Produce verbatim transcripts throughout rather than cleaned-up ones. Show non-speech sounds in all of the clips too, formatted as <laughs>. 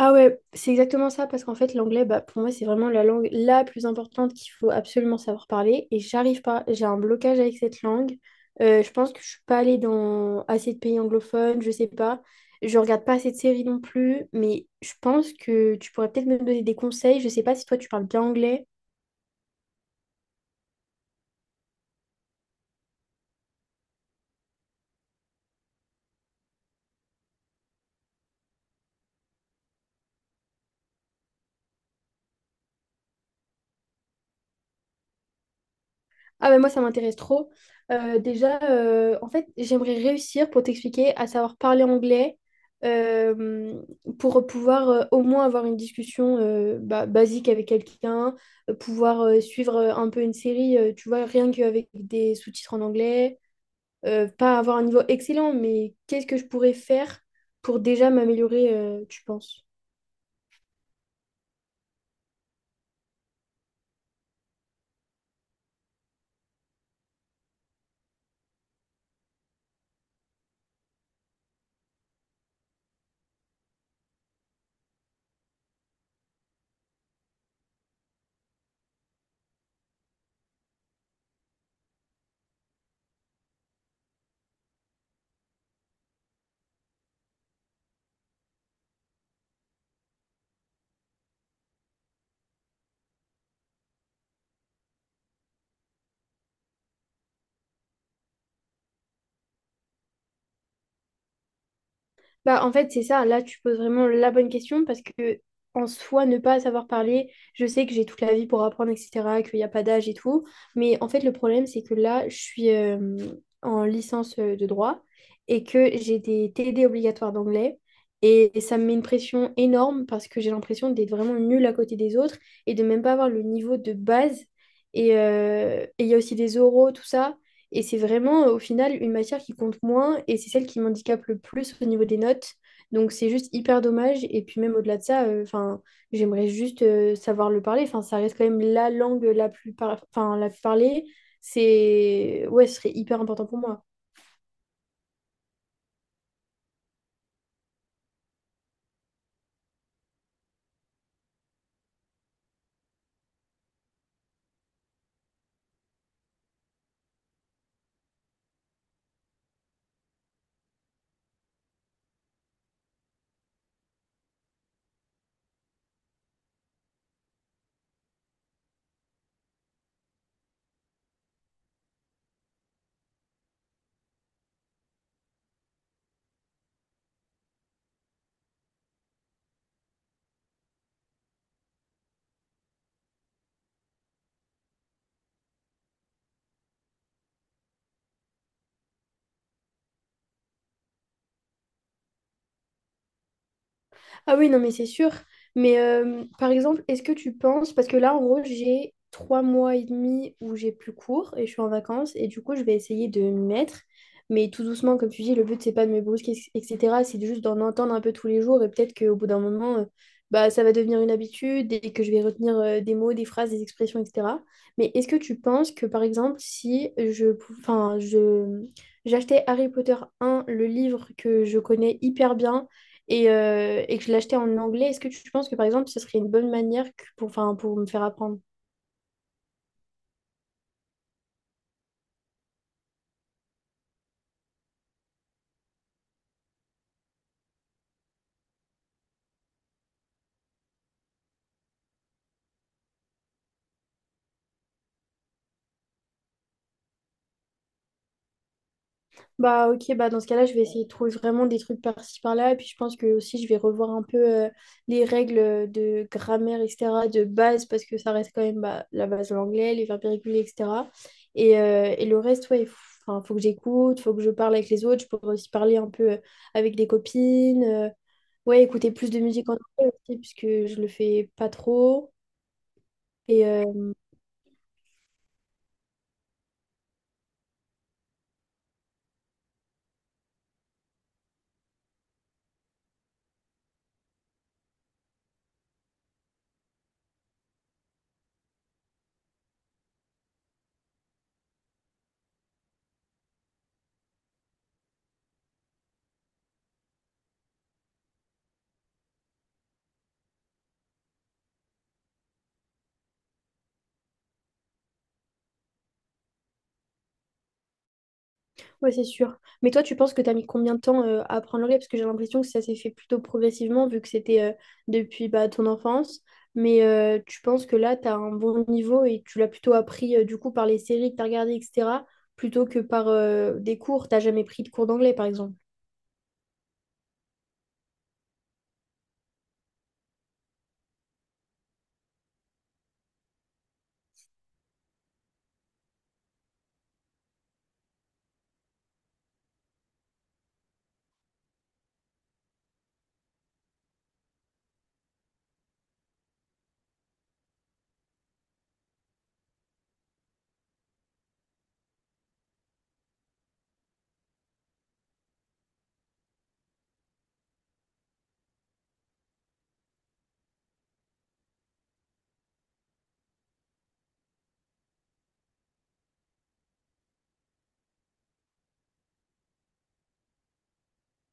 Ah ouais, c'est exactement ça, parce qu'en fait, l'anglais, bah, pour moi, c'est vraiment la langue la plus importante qu'il faut absolument savoir parler. Et j'arrive pas, j'ai un blocage avec cette langue. Euh, je pense que je suis pas allée dans assez de pays anglophones, je sais pas. Je regarde pas assez de séries non plus, mais je pense que tu pourrais peut-être me donner des conseils. Je sais pas si toi, tu parles bien anglais. Ah ben moi, ça m'intéresse trop. Euh, déjà, euh, en fait, j'aimerais réussir pour t'expliquer à savoir parler anglais euh, pour pouvoir euh, au moins avoir une discussion euh, bah, basique avec quelqu'un, euh, pouvoir euh, suivre euh, un peu une série, euh, tu vois, rien qu'avec des sous-titres en anglais, euh, pas avoir un niveau excellent, mais qu'est-ce que je pourrais faire pour déjà m'améliorer, euh, tu penses? Bah, en fait, c'est ça. Là, tu poses vraiment la bonne question parce que, en soi, ne pas savoir parler, je sais que j'ai toute la vie pour apprendre, et cetera, qu'il n'y a pas d'âge et tout. Mais en fait, le problème, c'est que là, je suis euh, en licence euh, de droit et que j'ai des T D obligatoires d'anglais. Et et ça me met une pression énorme parce que j'ai l'impression d'être vraiment nulle à côté des autres et de même pas avoir le niveau de base. Et euh, et il y a aussi des oraux, tout ça. Et c'est vraiment, euh, au final, une matière qui compte moins et c'est celle qui m'handicape le plus au niveau des notes. Donc c'est juste hyper dommage. Et puis même au-delà de ça, euh, enfin, j'aimerais juste euh, savoir le parler. Enfin, ça reste quand même la langue la plus, par- enfin, la plus parlée. C'est... Ouais, ce serait hyper important pour moi. Ah oui, non, mais c'est sûr. Mais euh, par exemple, est-ce que tu penses, parce que là, en gros, j'ai trois mois et demi où j'ai plus cours et je suis en vacances, et du coup, je vais essayer de m'y mettre. Mais tout doucement, comme tu dis, le but, c'est pas de me brusquer, et cetera. C'est juste d'en entendre un peu tous les jours, et peut-être qu'au bout d'un moment, euh, bah, ça va devenir une habitude et que je vais retenir euh, des mots, des phrases, des expressions, et cetera. Mais est-ce que tu penses que, par exemple, si je, pou- enfin, je, j'achetais Harry Potter un le livre que je connais hyper bien, et, euh, et que je l'achetais en anglais, est-ce que tu penses que par exemple, ce serait une bonne manière que- pour, enfin, pour me faire apprendre? Bah ok, bah dans ce cas-là, je vais essayer de trouver vraiment des trucs par-ci par-là. Et puis je pense que aussi, je vais revoir un peu euh, les règles euh, de grammaire, et cetera, de base, parce que ça reste quand même bah, la base de l'anglais, les verbes irréguliers, et cetera. Et, euh, et le reste, ouais, il faut, enfin, faut que j'écoute, faut que je parle avec les autres. Je pourrais aussi parler un peu euh, avec des copines. Euh, ouais, écouter plus de musique en anglais aussi, puisque je le fais pas trop. Et, euh, Ouais, c'est sûr. Mais toi, tu penses que tu as mis combien de temps euh, à apprendre l'anglais? Parce que j'ai l'impression que ça s'est fait plutôt progressivement, vu que c'était euh, depuis bah, ton enfance. Mais euh, tu penses que là, tu as un bon niveau et tu l'as plutôt appris euh, du coup par les séries que tu as regardées, et cetera, plutôt que par euh, des cours. T'as jamais pris de cours d'anglais, par exemple.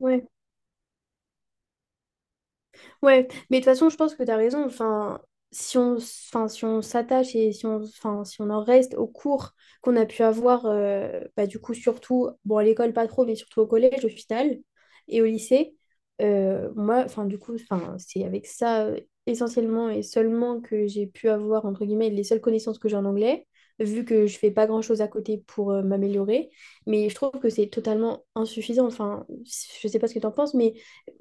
Ouais. Ouais, mais de toute façon, je pense que tu as raison. Enfin, si on, s- enfin, si on s'attache et si on, enfin, si on en reste aux cours qu'on a pu avoir, euh, bah, du coup, surtout, bon, à l'école, pas trop, mais surtout au collège, au final, et au lycée, euh, moi, enfin, du coup, enfin, c'est avec ça euh, essentiellement et seulement que j'ai pu avoir, entre guillemets, les seules connaissances que j'ai en anglais, vu que je fais pas grand-chose à côté pour euh, m'améliorer. Mais je trouve que c'est totalement insuffisant. Enfin, je sais pas ce que tu en penses, mais.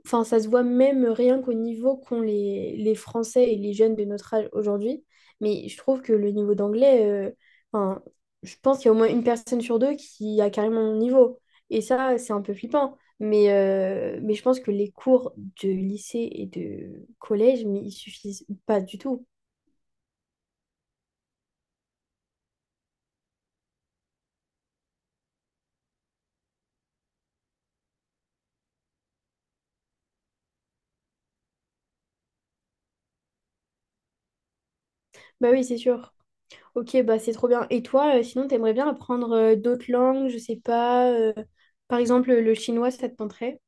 Enfin, ça se voit même rien qu'au niveau qu'ont les, les Français et les jeunes de notre âge aujourd'hui. Mais je trouve que le niveau d'anglais, euh, enfin, je pense qu'il y a au moins une personne sur deux qui a carrément mon niveau. Et ça, c'est un peu flippant. Mais, euh, mais je pense que les cours de lycée et de collège, mais ils suffisent pas du tout. Bah oui, c'est sûr. Ok, bah c'est trop bien. Et toi, euh, sinon, t'aimerais bien apprendre euh, d'autres langues, je sais pas. Euh, par exemple, le chinois, ça te tenterait?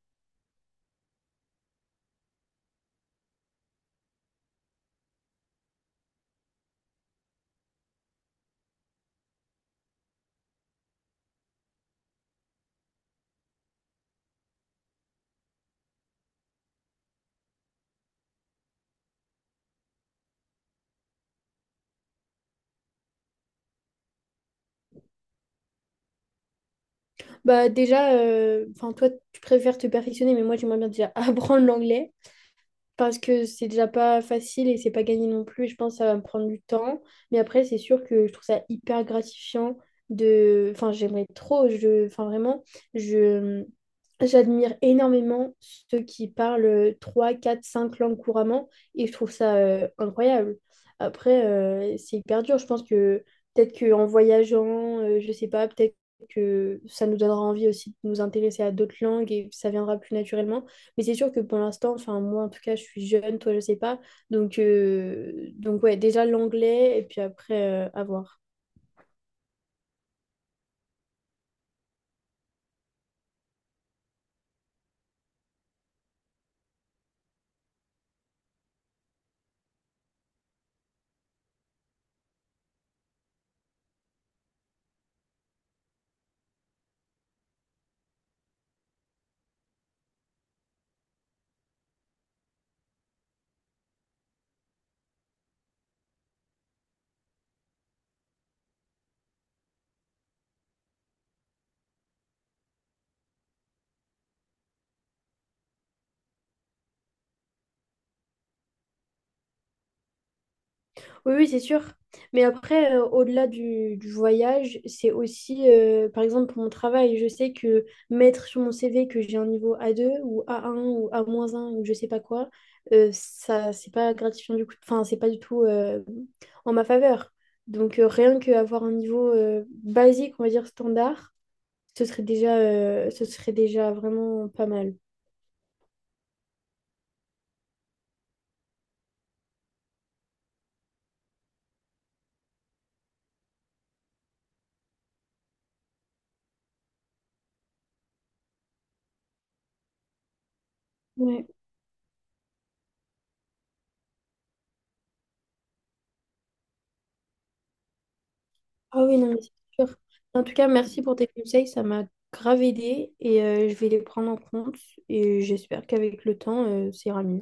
Bah déjà, euh, enfin toi, tu préfères te perfectionner, mais moi, j'aimerais bien déjà <laughs> apprendre l'anglais. Parce que c'est déjà pas facile et c'est pas gagné non plus. Je pense que ça va me prendre du temps. Mais après, c'est sûr que je trouve ça hyper gratifiant de. Enfin, j'aimerais trop. Je... Enfin, vraiment, je. J'admire énormément ceux qui parlent trois quatre cinq langues couramment et je trouve ça euh, incroyable. Après, euh, c'est hyper dur. Je pense que peut-être qu'en voyageant, euh, je sais pas, peut-être que ça nous donnera envie aussi de nous intéresser à d'autres langues et ça viendra plus naturellement. Mais c'est sûr que pour l'instant, enfin moi en tout cas, je suis jeune, toi je sais pas. Donc, euh, donc ouais, déjà l'anglais et puis après, euh, à voir. Oui, oui, c'est sûr. Mais après, euh, au-delà du, du voyage, c'est aussi, euh, par exemple, pour mon travail, je sais que mettre sur mon C V que j'ai un niveau A deux ou A un ou A un ou je sais pas quoi, euh, ça, c'est pas gratifiant du coup. Enfin, c'est pas du tout euh, en ma faveur. Donc, euh, rien qu'avoir un niveau euh, basique, on va dire standard, ce serait déjà, euh, ce serait déjà vraiment pas mal. Ouais. Ah oui, non, mais c'est sûr. En tout cas, merci pour tes conseils, ça m'a grave aidé et euh, je vais les prendre en compte et j'espère qu'avec le temps, euh, ça ira mieux.